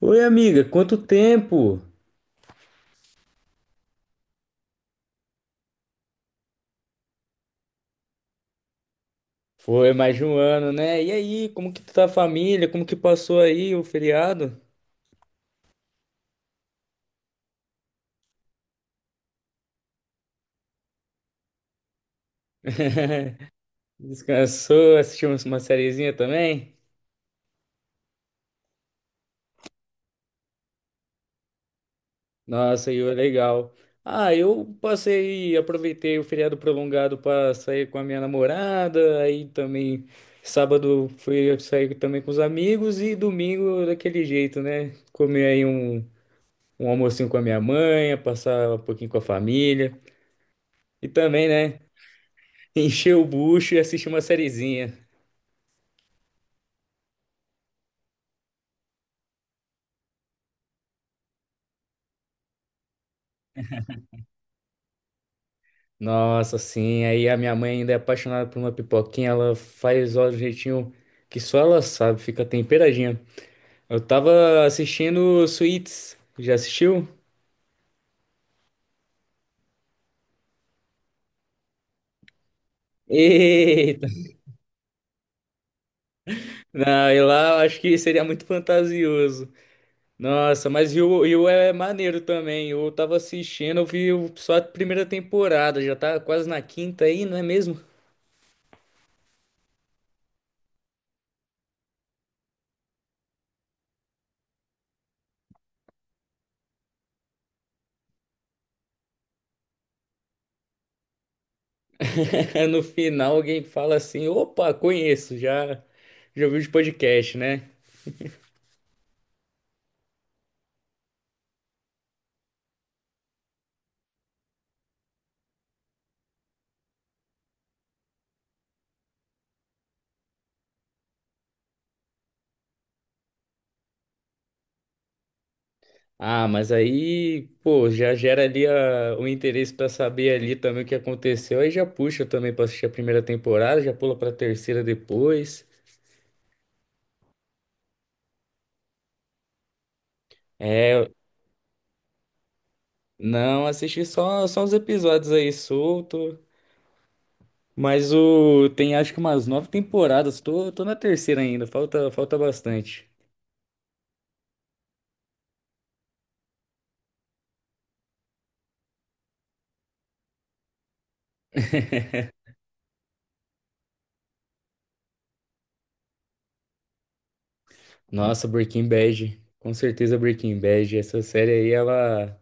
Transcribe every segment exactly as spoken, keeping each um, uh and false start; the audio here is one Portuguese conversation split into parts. Oi, amiga, quanto tempo? Foi mais de um ano, né? E aí, como que tá a família? Como que passou aí o feriado? Descansou? Assistimos uma sériezinha também? Nossa, e foi legal. Ah, eu passei, aproveitei o feriado prolongado para sair com a minha namorada, aí também sábado fui sair também com os amigos e domingo daquele jeito, né? Comer aí um, um almocinho com a minha mãe, passar um pouquinho com a família. E também, né? Encher o bucho e assistir uma sériezinha. Nossa, sim. Aí a minha mãe ainda é apaixonada por uma pipoquinha. Ela faz ó, do jeitinho que só ela sabe. Fica temperadinha. Eu tava assistindo Suits. Já assistiu? Eita! Não, e lá eu acho que seria muito fantasioso. Nossa, mas e o e o é maneiro também. Eu tava assistindo, eu vi o- só a primeira temporada. Já tá quase na quinta aí, não é mesmo? No final alguém fala assim: opa, conheço, já, já ouvi os podcast, né? Ah, mas aí, pô, já gera ali a- o interesse pra saber ali também o que aconteceu. Aí já puxa também pra assistir a primeira temporada, já pula pra terceira depois. É, não, assisti só, só uns episódios aí solto. Mas o tem acho que umas nove temporadas. Tô, tô na terceira ainda, falta, falta bastante. Nossa, Breaking Bad. Com certeza Breaking Bad. Essa série aí, ela.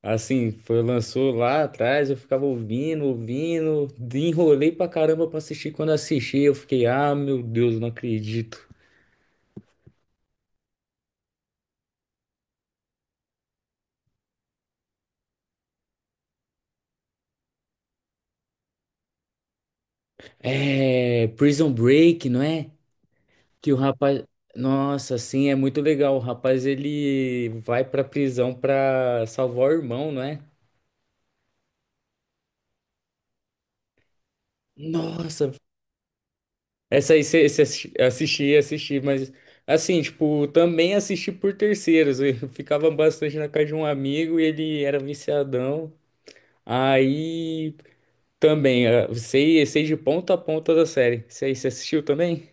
Assim, foi, lançou lá atrás, eu ficava ouvindo, ouvindo, enrolei pra caramba pra assistir. Quando assisti, eu fiquei, ah, meu Deus, não acredito. É, Prison Break, não é? Que o rapaz, nossa, assim, é muito legal. O rapaz, ele vai pra prisão pra salvar o irmão, não é? Nossa, essa aí você você assisti, assisti, assisti, mas assim, tipo, também assisti por terceiros. Eu ficava bastante na casa de um amigo e ele era viciadão. Aí também, eh, sei, sei de ponta a ponta da série. Isso aí, você assistiu também?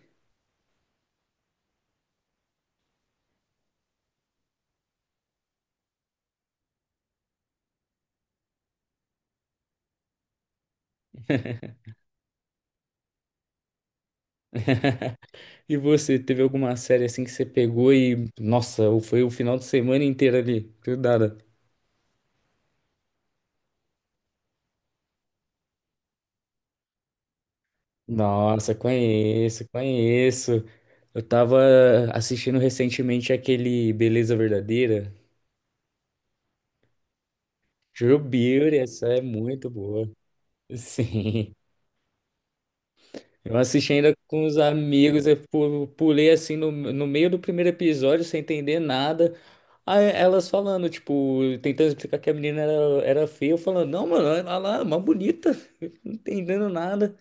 E você, teve alguma série assim que você pegou e, nossa, o- foi o final de semana inteiro ali, grudada? Nossa, conheço, conheço. Eu tava assistindo recentemente aquele Beleza Verdadeira. True Beauty, essa é muito boa. Sim. Eu assisti ainda com os amigos, eu pu- pulei assim no, no meio do primeiro episódio sem entender nada. Aí elas falando, tipo, tentando explicar que a menina era, era feia, eu falando, não, mano, olha lá, uma bonita, não entendendo nada.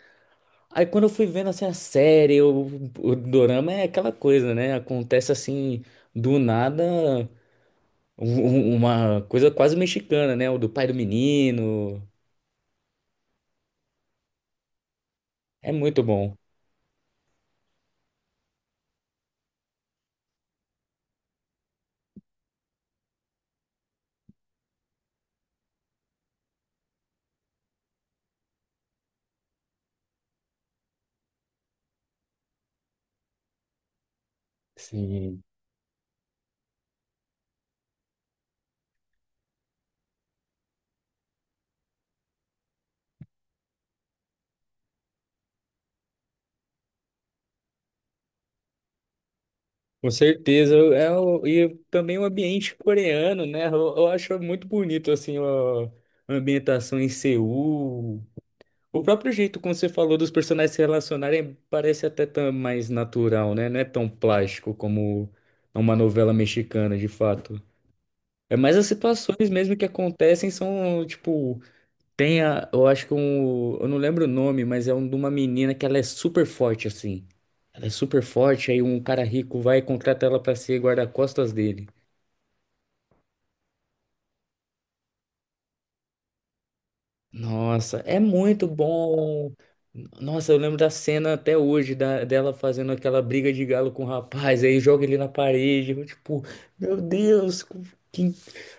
Aí quando eu fui vendo assim a série, o, o dorama é aquela coisa, né? Acontece assim, do nada, um- um- uma coisa quase mexicana, né? O do pai do menino. É muito bom. Com certeza, eu- é, o- e também o ambiente coreano, né? Eu, eu acho muito bonito, assim, o- a ambientação em Seul. O próprio jeito, como você falou, dos personagens se relacionarem parece até tão mais natural, né? Não é tão plástico como uma novela mexicana, de fato. É mais as situações mesmo que acontecem são, tipo, tem a, eu acho que um, eu não lembro o nome, mas é um de uma menina que ela é, super forte assim. Ela é super forte, aí um cara rico vai e contrata ela pra ser guarda-costas dele. Nossa, é muito bom. Nossa, eu lembro da cena até hoje da, dela fazendo aquela briga de galo com o rapaz, aí joga ele na parede, eu, tipo, meu Deus, co- que...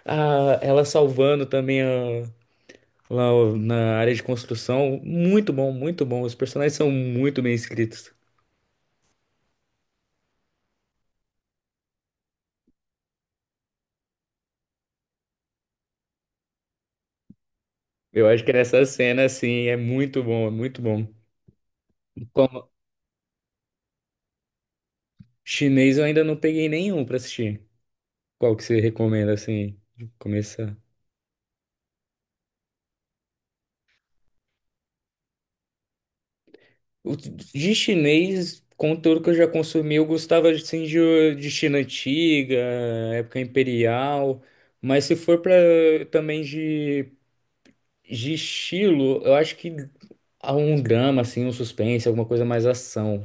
Ah, ela salvando também a- lá o- na área de construção. Muito bom, muito bom. Os personagens são muito bem escritos. Eu acho que essa cena, assim, é muito bom, é muito bom. Como chinês, eu ainda não peguei nenhum pra assistir. Qual que você recomenda, assim, de começar? O- De chinês, conteúdo que eu já consumi, eu gostava, assim, de, de China antiga, época imperial. Mas se for pra também de, de estilo, eu acho que há um drama, assim, um suspense, alguma coisa mais ação.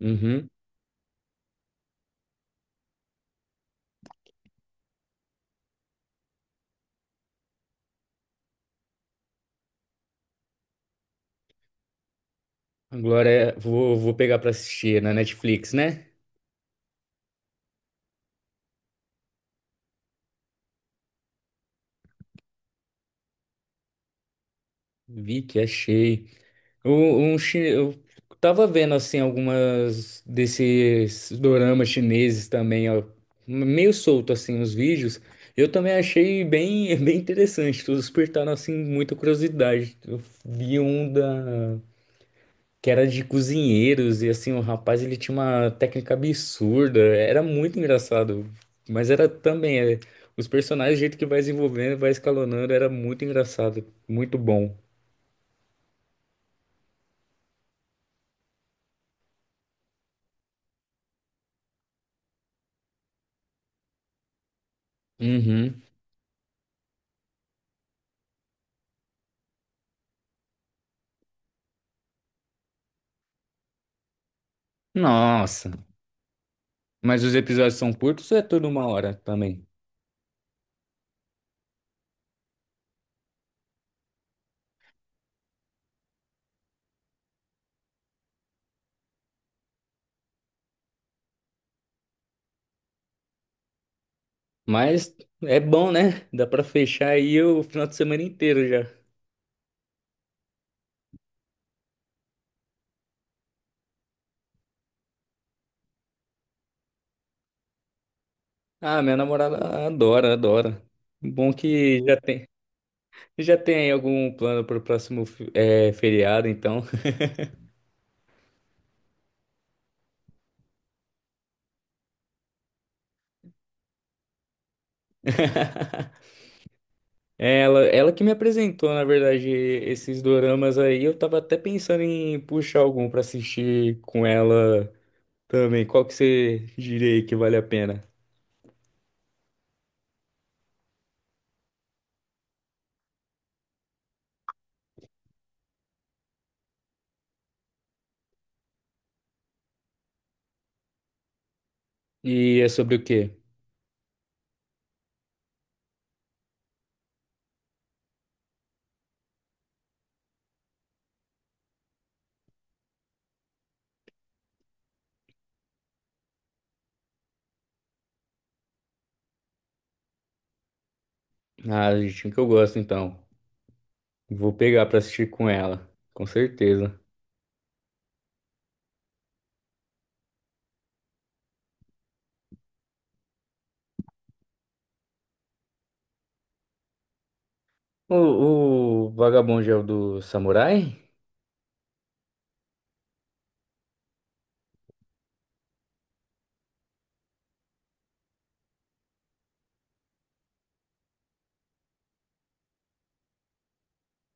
Uhum. Agora, é- vou, vou pegar pra assistir é na Netflix, né? Vi que achei. Um, um chi- eu tava vendo assim algumas desses doramas chineses também, ó, meio solto assim os vídeos. Eu também achei bem, bem interessante, todos despertaram assim muita curiosidade. Eu vi um da que era de cozinheiros e assim o rapaz ele tinha uma técnica absurda, era muito engraçado, mas era também é, os personagens, o jeito que vai desenvolvendo, vai escalonando, era muito engraçado, muito bom. Uhum. Nossa. Mas os episódios são curtos ou é tudo uma hora também? Mas é bom, né? Dá pra fechar aí o final de semana inteiro já. Ah, minha namorada adora, adora. Bom que já tem, já tem aí algum plano pro próximo fi- eh, feriado, então. Ela, ela que me apresentou, na verdade, esses doramas aí. Eu tava até pensando em puxar algum pra assistir com ela também. Qual que você diria aí que vale a pena? E é sobre o quê? Ah, gente, o que eu gosto então. Vou pegar pra assistir com ela, com certeza. O, o Vagabond é o do Samurai?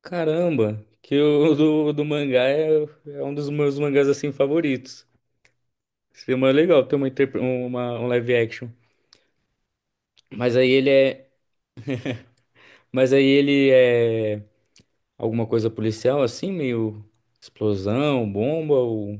Caramba, que o do, do mangá é, é um dos meus mangás assim favoritos. Seria mais legal ter uma, interpre- uma- um live action. Mas aí ele é, mas aí ele é alguma coisa policial assim, meio explosão, bomba ou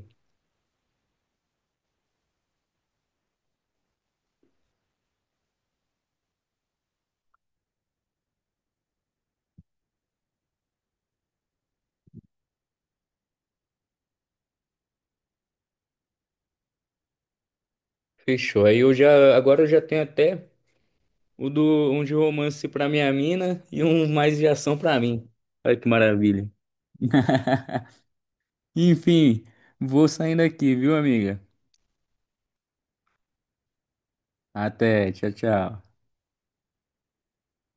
fechou. Aí eu já agora eu já tenho até o do um de romance pra minha mina e um mais de ação pra mim. Olha que maravilha. Enfim, vou saindo aqui, viu, amiga? Até, tchau, tchau.